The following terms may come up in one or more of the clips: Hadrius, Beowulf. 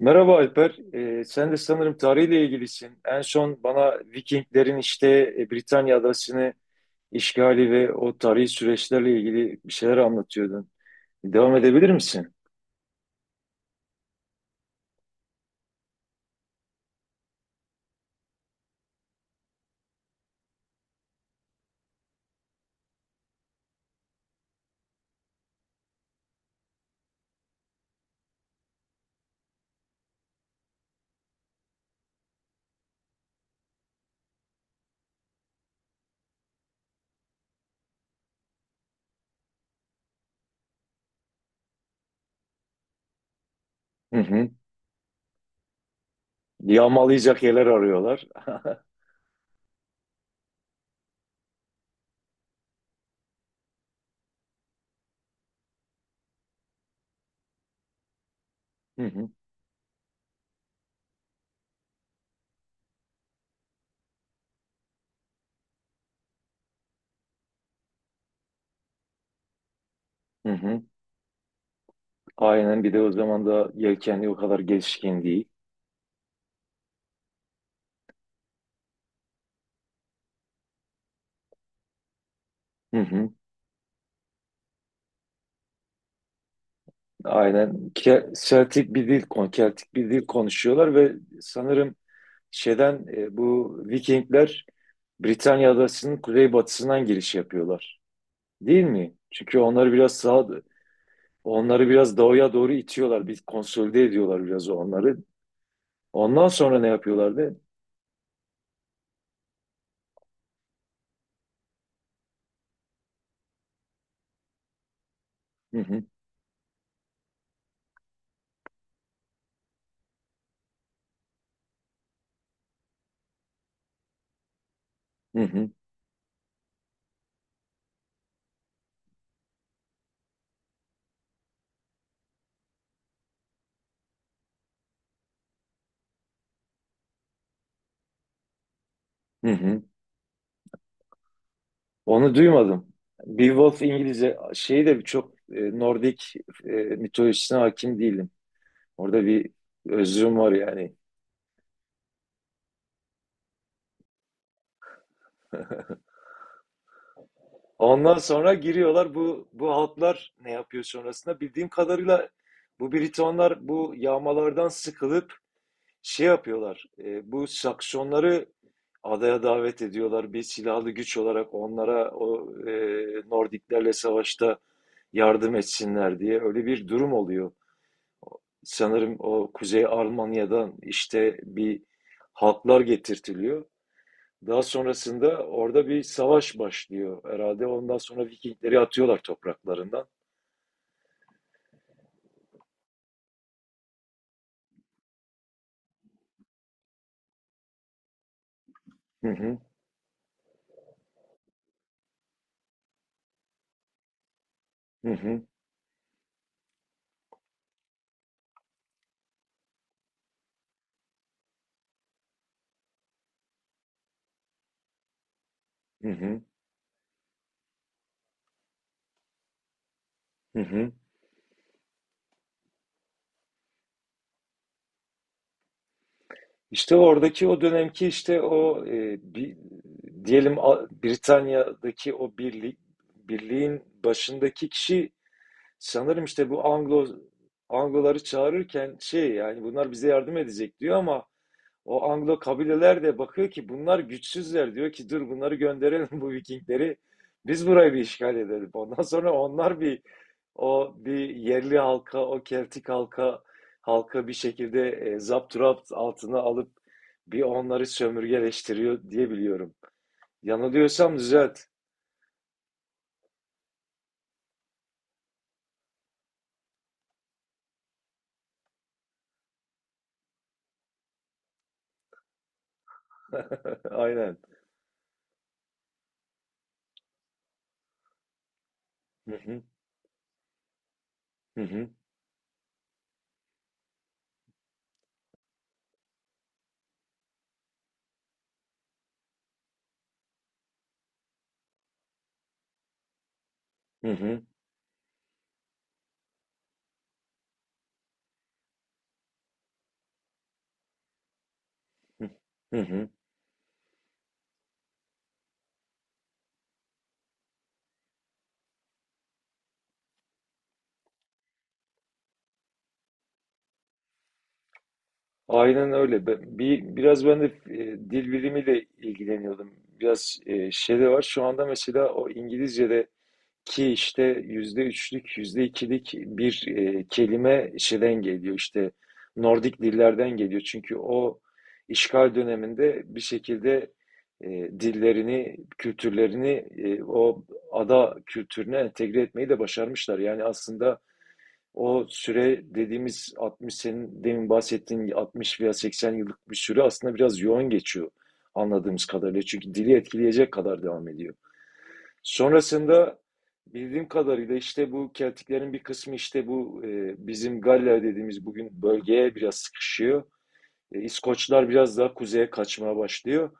Merhaba Alper. Sen de sanırım tarihle ilgilisin. En son bana Vikinglerin işte Britanya adasını işgali ve o tarihi süreçlerle ilgili bir şeyler anlatıyordun. Devam edebilir misin? Hı hı. Yağmalayacak yerler arıyorlar. Hı hı. Hı hı. Aynen, bir de o zaman da yelkenli o kadar gelişkin değil. Hı hı. Aynen. Celtic bir dil, Keltik bir dil konuşuyorlar ve sanırım şeyden bu Vikingler Britanya adasının kuzeybatısından giriş yapıyorlar. Değil mi? Çünkü onları biraz doğuya doğru itiyorlar. Bir konsolide ediyorlar biraz onları. Ondan sonra ne yapıyorlardı? Hı hı, hı hı, hı hı. Onu duymadım. Beowulf İngilizce şeyi de çok Nordik mitolojisine hakim değilim. Orada bir özrüm var yani. Ondan sonra giriyorlar, bu halklar ne yapıyor sonrasında? Bildiğim kadarıyla bu Britonlar bu yağmalardan sıkılıp şey yapıyorlar. Bu Saksonları adaya davet ediyorlar. Bir silahlı güç olarak onlara o Nordiklerle savaşta yardım etsinler diye öyle bir durum oluyor. Sanırım o Kuzey Almanya'dan işte bir halklar getirtiliyor. Daha sonrasında orada bir savaş başlıyor herhalde. Ondan sonra Vikingleri atıyorlar topraklarından. Hı hı, hı hı, hı hı, hı hı. İşte oradaki o dönemki işte o diyelim Britanya'daki o birlik, birliğin başındaki kişi sanırım işte bu Anglo Angloları çağırırken şey, yani bunlar bize yardım edecek diyor ama o Anglo kabileler de bakıyor ki bunlar güçsüzler, diyor ki dur bunları gönderelim bu Vikingleri. Biz burayı bir işgal edelim. Ondan sonra onlar bir, o bir yerli halka, o Keltik halka bir şekilde zapturapt altına alıp bir onları sömürgeleştiriyor diye biliyorum. Yanılıyorsam düzelt. Aynen. Hı hı, hı hı, hı hı, hı hı. Aynen öyle. Biraz ben de dil bilimiyle ilgileniyordum. Biraz şey de var. Şu anda mesela o İngilizce'deki işte %3'lük, yüzde ikilik bir kelime şeyden geliyor. İşte Nordik dillerden geliyor. Çünkü o işgal döneminde bir şekilde e, dillerini, kültürlerini o ada kültürüne entegre etmeyi de başarmışlar. Yani aslında o süre dediğimiz 60, senin demin bahsettiğin 60 veya 80 yıllık bir süre aslında biraz yoğun geçiyor anladığımız kadarıyla. Çünkü dili etkileyecek kadar devam ediyor. Sonrasında bildiğim kadarıyla işte bu Keltiklerin bir kısmı işte bu bizim Galler dediğimiz bugün bölgeye biraz sıkışıyor. İskoçlar biraz daha kuzeye kaçmaya başlıyor.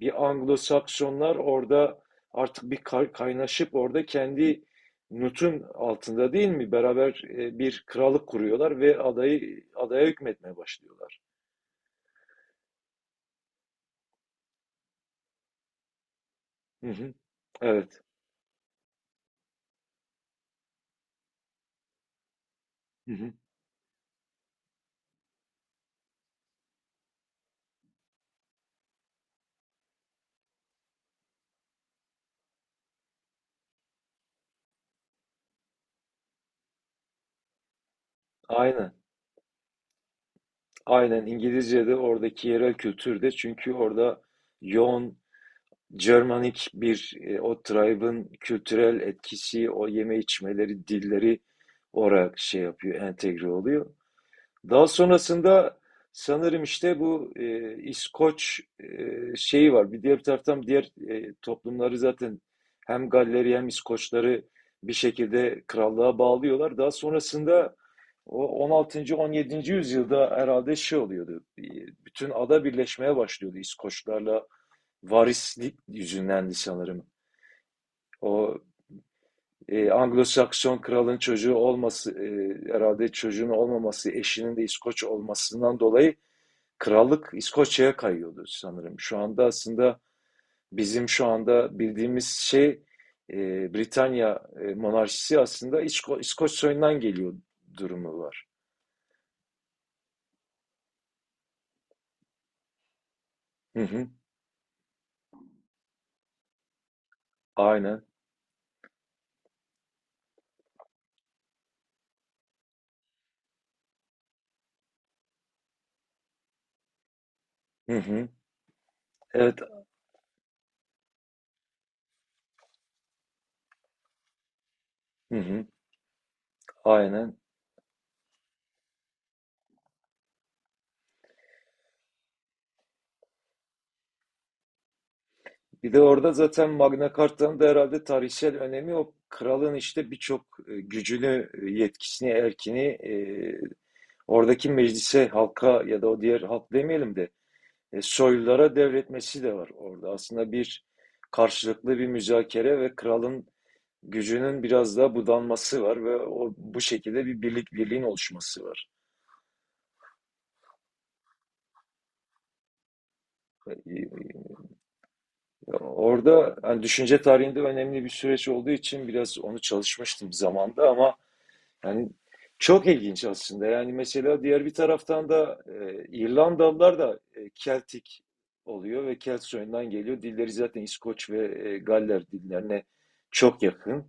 Bir Anglo-Saksonlar orada artık bir kaynaşıp orada kendi nutun altında, değil mi? Beraber bir krallık kuruyorlar ve adaya hükmetmeye başlıyorlar. Hı hı. Evet. Hı hı. Aynen. Aynen, İngilizce'de, oradaki yerel kültürde, çünkü orada yoğun Germanik bir o tribe'ın kültürel etkisi, o yeme içmeleri, dilleri olarak şey yapıyor, entegre oluyor. Daha sonrasında sanırım işte bu İskoç şeyi var. Bir diğer bir taraftan diğer toplumları zaten hem Galleri hem İskoçları bir şekilde krallığa bağlıyorlar. Daha sonrasında o 16'ncı 17'nci yüzyılda herhalde şey oluyordu. Bütün ada birleşmeye başlıyordu İskoçlarla, varislik yüzündendi sanırım. O Anglo-Sakson kralın çocuğu olması, herhalde çocuğun olmaması, eşinin de İskoç olmasından dolayı krallık İskoçya'ya kayıyordu sanırım. Şu anda aslında bizim şu anda bildiğimiz şey, Britanya monarşisi aslında İskoç soyundan geliyor durumu var. Hı hı. Aynen. Hı hı. Evet. Hı hı. Aynen. Bir de orada zaten Magna Carta'nın da herhalde tarihsel önemi, o kralın işte birçok gücünü, yetkisini, erkini oradaki meclise, halka, ya da o diğer halk demeyelim de soylulara devretmesi de var orada. Aslında bir karşılıklı bir müzakere ve kralın gücünün biraz daha budanması var ve o bu şekilde bir birliğin oluşması var. E, e, Orada hani düşünce tarihinde önemli bir süreç olduğu için biraz onu çalışmıştım zamanda ama yani çok ilginç aslında. Yani mesela diğer bir taraftan da İrlandalılar da Keltik oluyor ve Kelt soyundan geliyor. Dilleri zaten İskoç ve Galler dillerine çok yakın.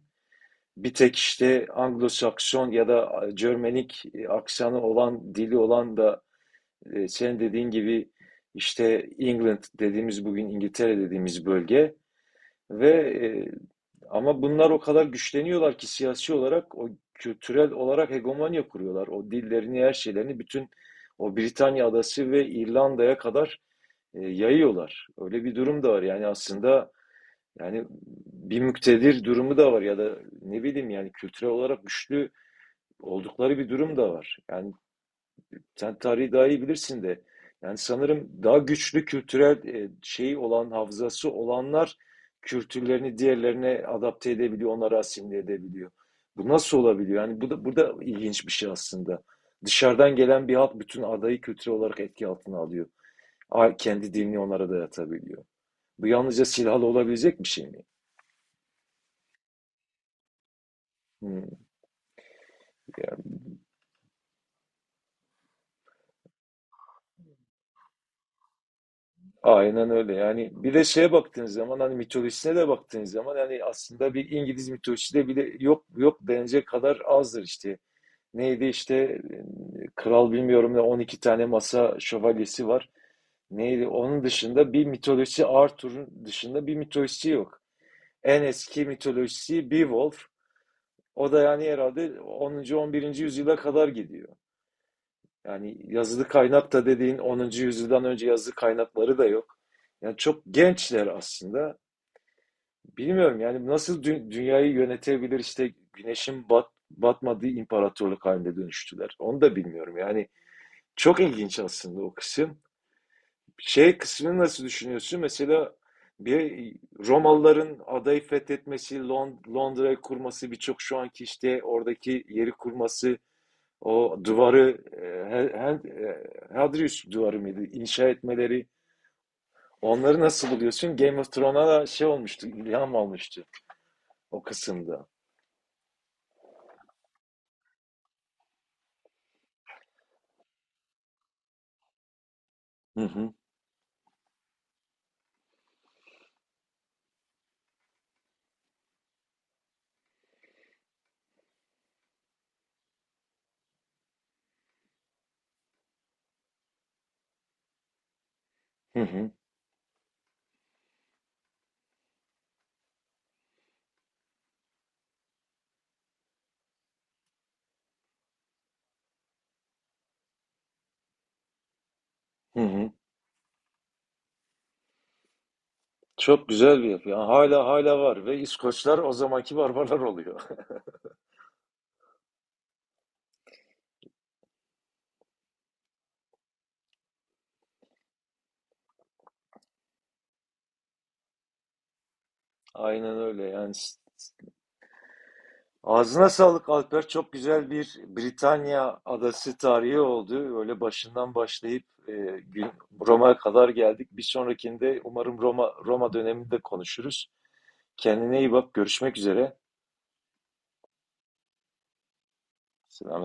Bir tek işte Anglo-Sakson ya da Cermenik aksanı olan, dili olan da senin dediğin gibi işte England dediğimiz, bugün İngiltere dediğimiz bölge ve ama bunlar o kadar güçleniyorlar ki, siyasi olarak, o kültürel olarak hegemonya kuruyorlar. O dillerini, her şeylerini bütün o Britanya adası ve İrlanda'ya kadar yayıyorlar. Öyle bir durum da var. Yani aslında, yani bir müktedir durumu da var, ya da ne bileyim, yani kültürel olarak güçlü oldukları bir durum da var. Yani sen tarihi daha iyi bilirsin de. Yani sanırım daha güçlü kültürel şeyi olan, hafızası olanlar kültürlerini diğerlerine adapte edebiliyor, onları asimile edebiliyor. Bu nasıl olabiliyor? Yani bu da ilginç bir şey aslında. Dışarıdan gelen bir halk bütün adayı kültürel olarak etki altına alıyor. Kendi dinini onlara dayatabiliyor. Bu yalnızca silahlı olabilecek bir şey mi? Hmm. Aynen öyle. Yani bir de şeye baktığınız zaman, hani mitolojisine de baktığınız zaman, yani aslında bir İngiliz mitolojide bile yok, yok denecek kadar azdır işte. Neydi işte kral bilmiyorum ne, 12 tane masa şövalyesi var. Neydi onun dışında bir mitolojisi? Arthur'un dışında bir mitolojisi yok. En eski mitolojisi Beowulf. O da yani herhalde 10'uncu 11'inci yüzyıla kadar gidiyor. Yani yazılı kaynak da, dediğin, 10'uncu yüzyıldan önce yazılı kaynakları da yok. Yani çok gençler aslında. Bilmiyorum yani nasıl dünyayı yönetebilir, işte güneşin batmadığı imparatorluk haline dönüştüler. Onu da bilmiyorum. Yani çok ilginç aslında o kısım. Şey kısmını nasıl düşünüyorsun? Mesela bir Romalıların adayı fethetmesi, Londra'yı kurması, birçok şu anki işte oradaki yeri kurması, o duvarı, Hadrius duvarı mıydı? İnşa etmeleri. Onları nasıl buluyorsun? Game of Thrones'a da şey olmuştu, ilham almıştı o kısımda. Hı hı, hı hı, hı hı. Çok güzel bir yapı. Yani hala var ve İskoçlar o zamanki barbarlar oluyor. Aynen öyle yani. Ağzına sağlık Alper. Çok güzel bir Britanya adası tarihi oldu. Öyle başından başlayıp gün- Roma'ya kadar geldik. Bir sonrakinde umarım Roma döneminde konuşuruz. Kendine iyi bak, görüşmek üzere. Selam.